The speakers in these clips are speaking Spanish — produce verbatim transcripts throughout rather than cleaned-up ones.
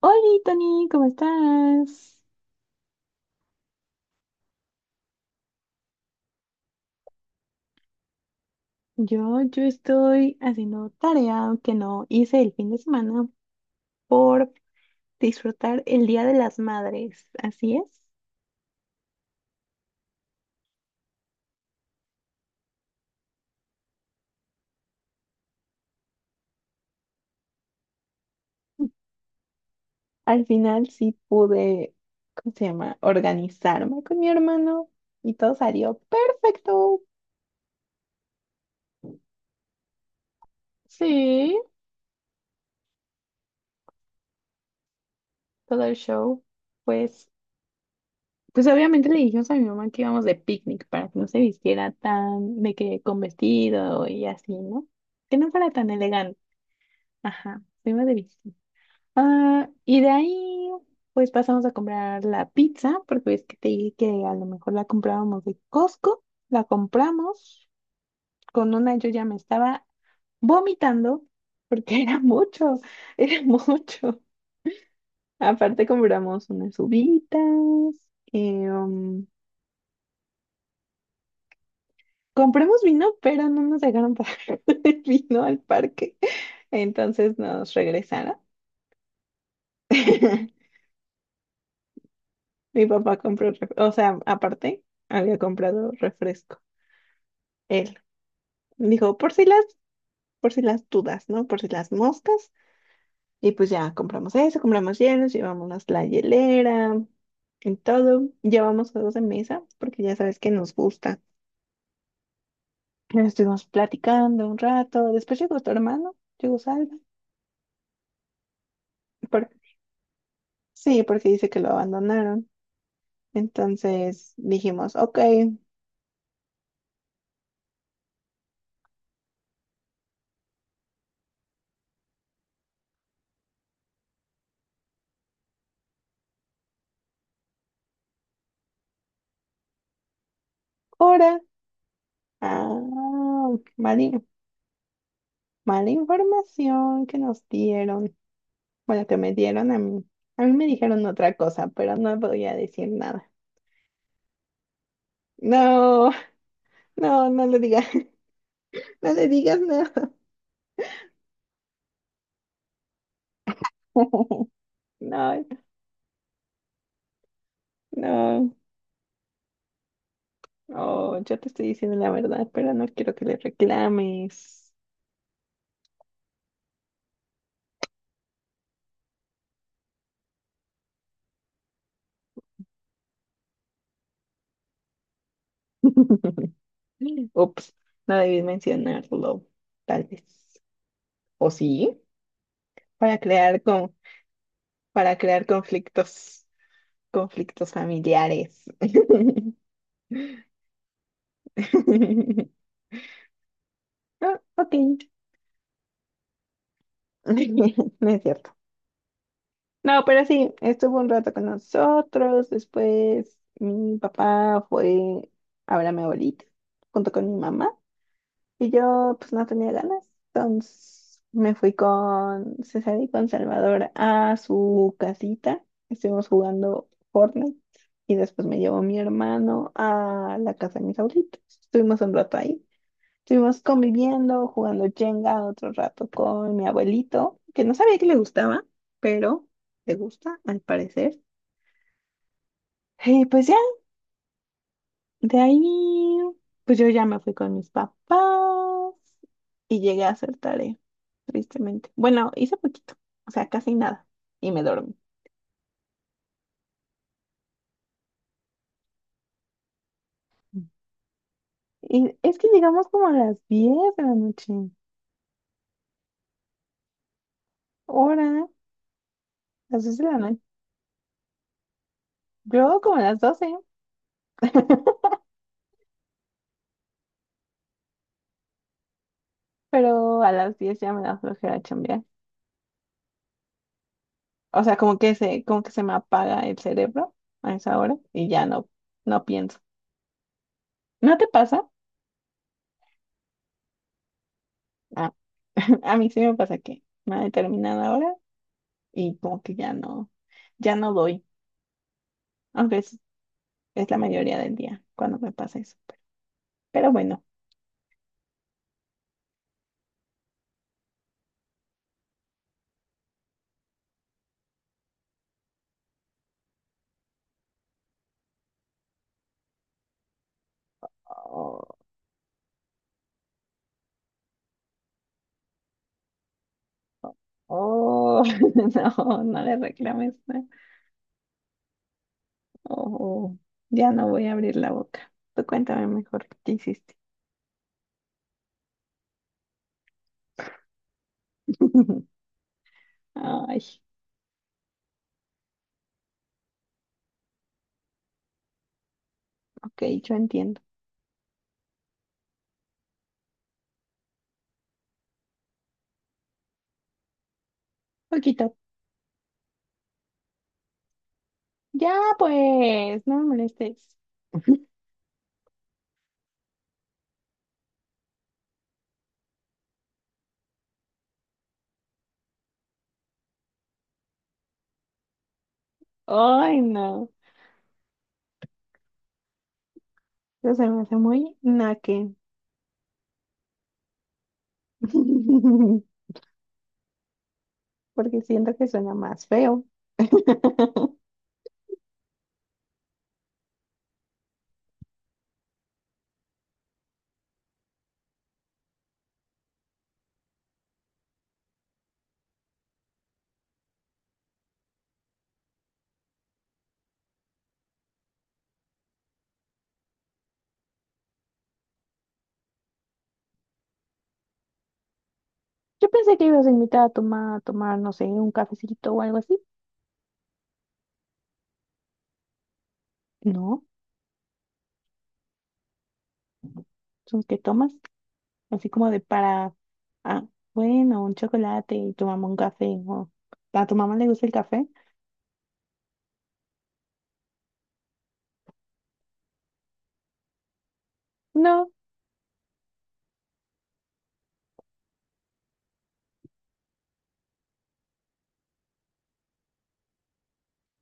Hola, Tony, ¿cómo estás? Yo, yo estoy haciendo tarea que no hice el fin de semana por disfrutar el Día de las Madres. Así es. Al final sí pude, ¿cómo se llama? Organizarme con mi hermano y todo salió perfecto. Sí, todo el show. Pues, pues obviamente le dijimos a mi mamá que íbamos de picnic para que no se vistiera tan de que con vestido y así, ¿no? Que no fuera tan elegante. Ajá, fuimos de visita. Ah, y de ahí, pues pasamos a comprar la pizza, porque es que te dije que a lo mejor la comprábamos de Costco. La compramos. Con una yo ya me estaba vomitando, porque era mucho, era mucho. Aparte compramos unas uvitas. eh, um, compramos vino, pero no nos dejaron pagar el vino al parque. Entonces nos regresaron. Mi papá compró, ref- o sea, aparte, había comprado refresco. Él dijo, por si las, por si las dudas, ¿no? Por si las moscas. Y pues ya compramos eso, compramos hielos, llevamos la hielera y todo. Llevamos juegos de mesa, porque ya sabes que nos gusta. Estuvimos platicando un rato. Después llegó tu hermano, llegó Salva. Por- sí, porque dice que lo abandonaron. Entonces dijimos, ok, ahora. Ah, vale. Mala información que nos dieron. Bueno, que me dieron a mí. A mí me dijeron otra cosa, pero no voy a decir nada. No, no, no le digas. No le digas nada. No, no. Oh, yo te estoy diciendo la verdad, pero no quiero que le reclames. Ups, no debí mencionarlo, tal vez. ¿O sí? Para crear con, para crear conflictos, conflictos familiares. Ah, ok. No es cierto. No, pero sí, estuvo un rato con nosotros. Después mi papá fue a ver a mi abuelita junto con mi mamá. Y yo pues no tenía ganas. Entonces me fui con César y con Salvador a su casita. Estuvimos jugando Fortnite. Y después me llevó mi hermano a la casa de mis abuelitos. Estuvimos un rato ahí. Estuvimos conviviendo, jugando Jenga otro rato con mi abuelito, que no sabía que le gustaba, pero le gusta al parecer. Y pues ya, de ahí, pues yo ya me fui con mis papás y llegué a hacer tarea, tristemente. Bueno, hice poquito, o sea, casi nada, y me dormí. Y es que llegamos como a las diez de la noche, hora, las diez de la noche, yo como a las doce. Pero a las diez ya me da flojera. O sea, como que se, como que se me apaga el cerebro a esa hora y ya no, no pienso. ¿No te pasa? Ah, a mí sí me pasa que una determinada hora y como que ya no, ya no doy, aunque es, es la mayoría del día cuando me pasa eso. Pero bueno, oh, oh, no, no le reclames. ¿No? Oh, ya no voy a abrir la boca. Tú cuéntame mejor qué hiciste. Ay, ok, yo entiendo. Poquito. Ya, pues, no me molestes. Ay, no. Eso se me hace muy naque. Porque siento que suena más feo. Yo pensé que ibas a invitar a tomar, a tomar, no sé, un cafecito o algo así. No, son que tomas, así como de para, ah, bueno, un chocolate y tomamos un café. O, ¿a tu mamá le gusta el café? No.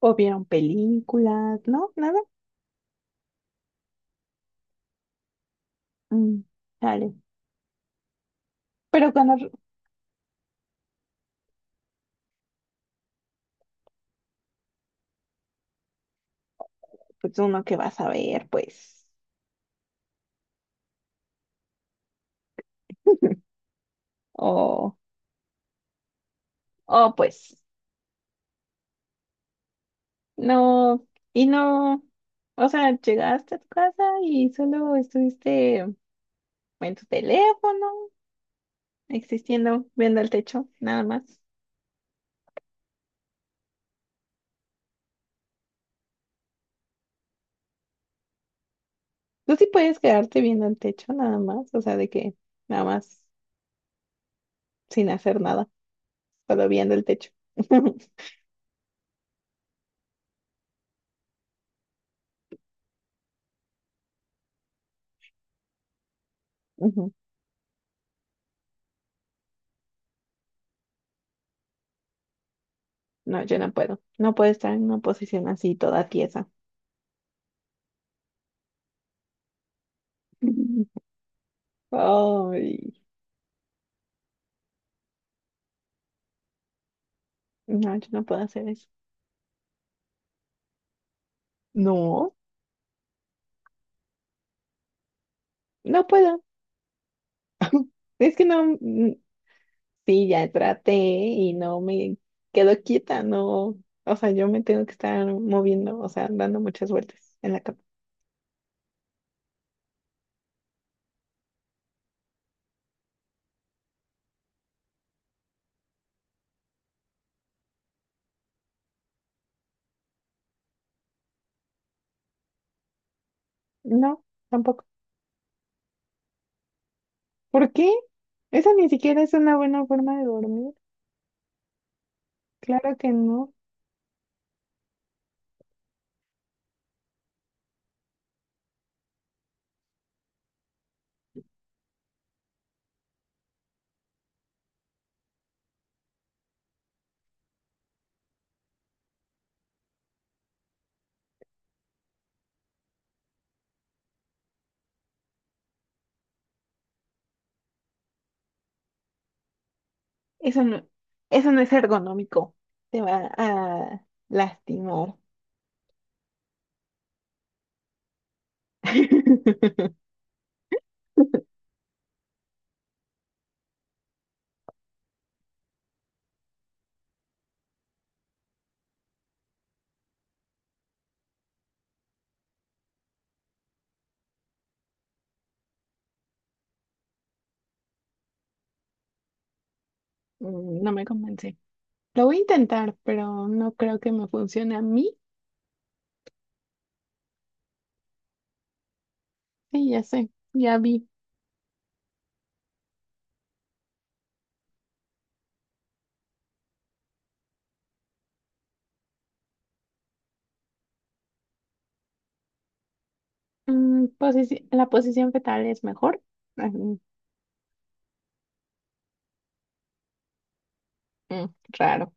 O vieron películas, ¿no? Nada. Mm, dale. Pero cuando, pues uno que va a ver pues. O, o pues, no, y no, o sea, llegaste a tu casa y solo estuviste en tu teléfono, existiendo, viendo el techo, nada más. Tú sí puedes quedarte viendo el techo, nada más, o sea, de que nada más, sin hacer nada, solo viendo el techo. Ujú. No, yo no puedo, no puedo estar en una posición así toda tiesa. Ay, no, yo no puedo hacer eso. No, no puedo. Es que no. Sí, ya traté y no me quedo quieta, no, o sea, yo me tengo que estar moviendo, o sea, dando muchas vueltas en la cama. No, tampoco. ¿Por qué? Esa ni siquiera es una buena forma de dormir. Claro que no. Eso no, eso no es ergonómico. Te va a lastimar. Mm, no me convence. Lo voy a intentar, pero no creo que me funcione a mí. Sí, ya sé, ya vi. Mm, posici- la posición fetal es mejor. Ah, mm, raro.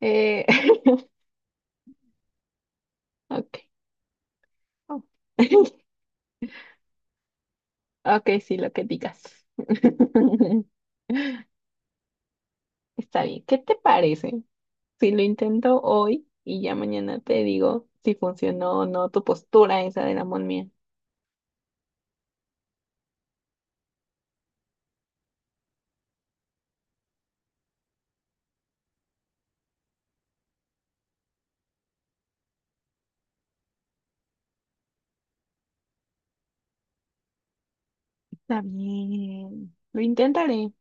Eh, ok. Oh. Ok, sí, lo que digas. Está bien. ¿Qué te parece si lo intento hoy y ya mañana te digo si funcionó o no tu postura esa de la momia? Está bien. Lo intentaré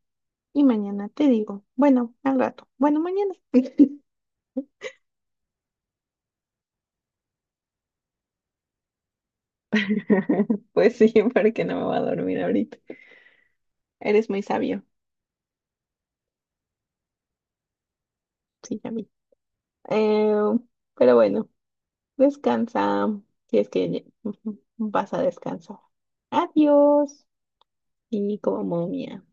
y mañana te digo. Bueno, al rato. Bueno, mañana. Pues sí, porque no me voy a dormir ahorita. Eres muy sabio. Sí, ya vi. Eh, pero bueno. Descansa, si es que lle- vas a descansar. Adiós. Y como momia.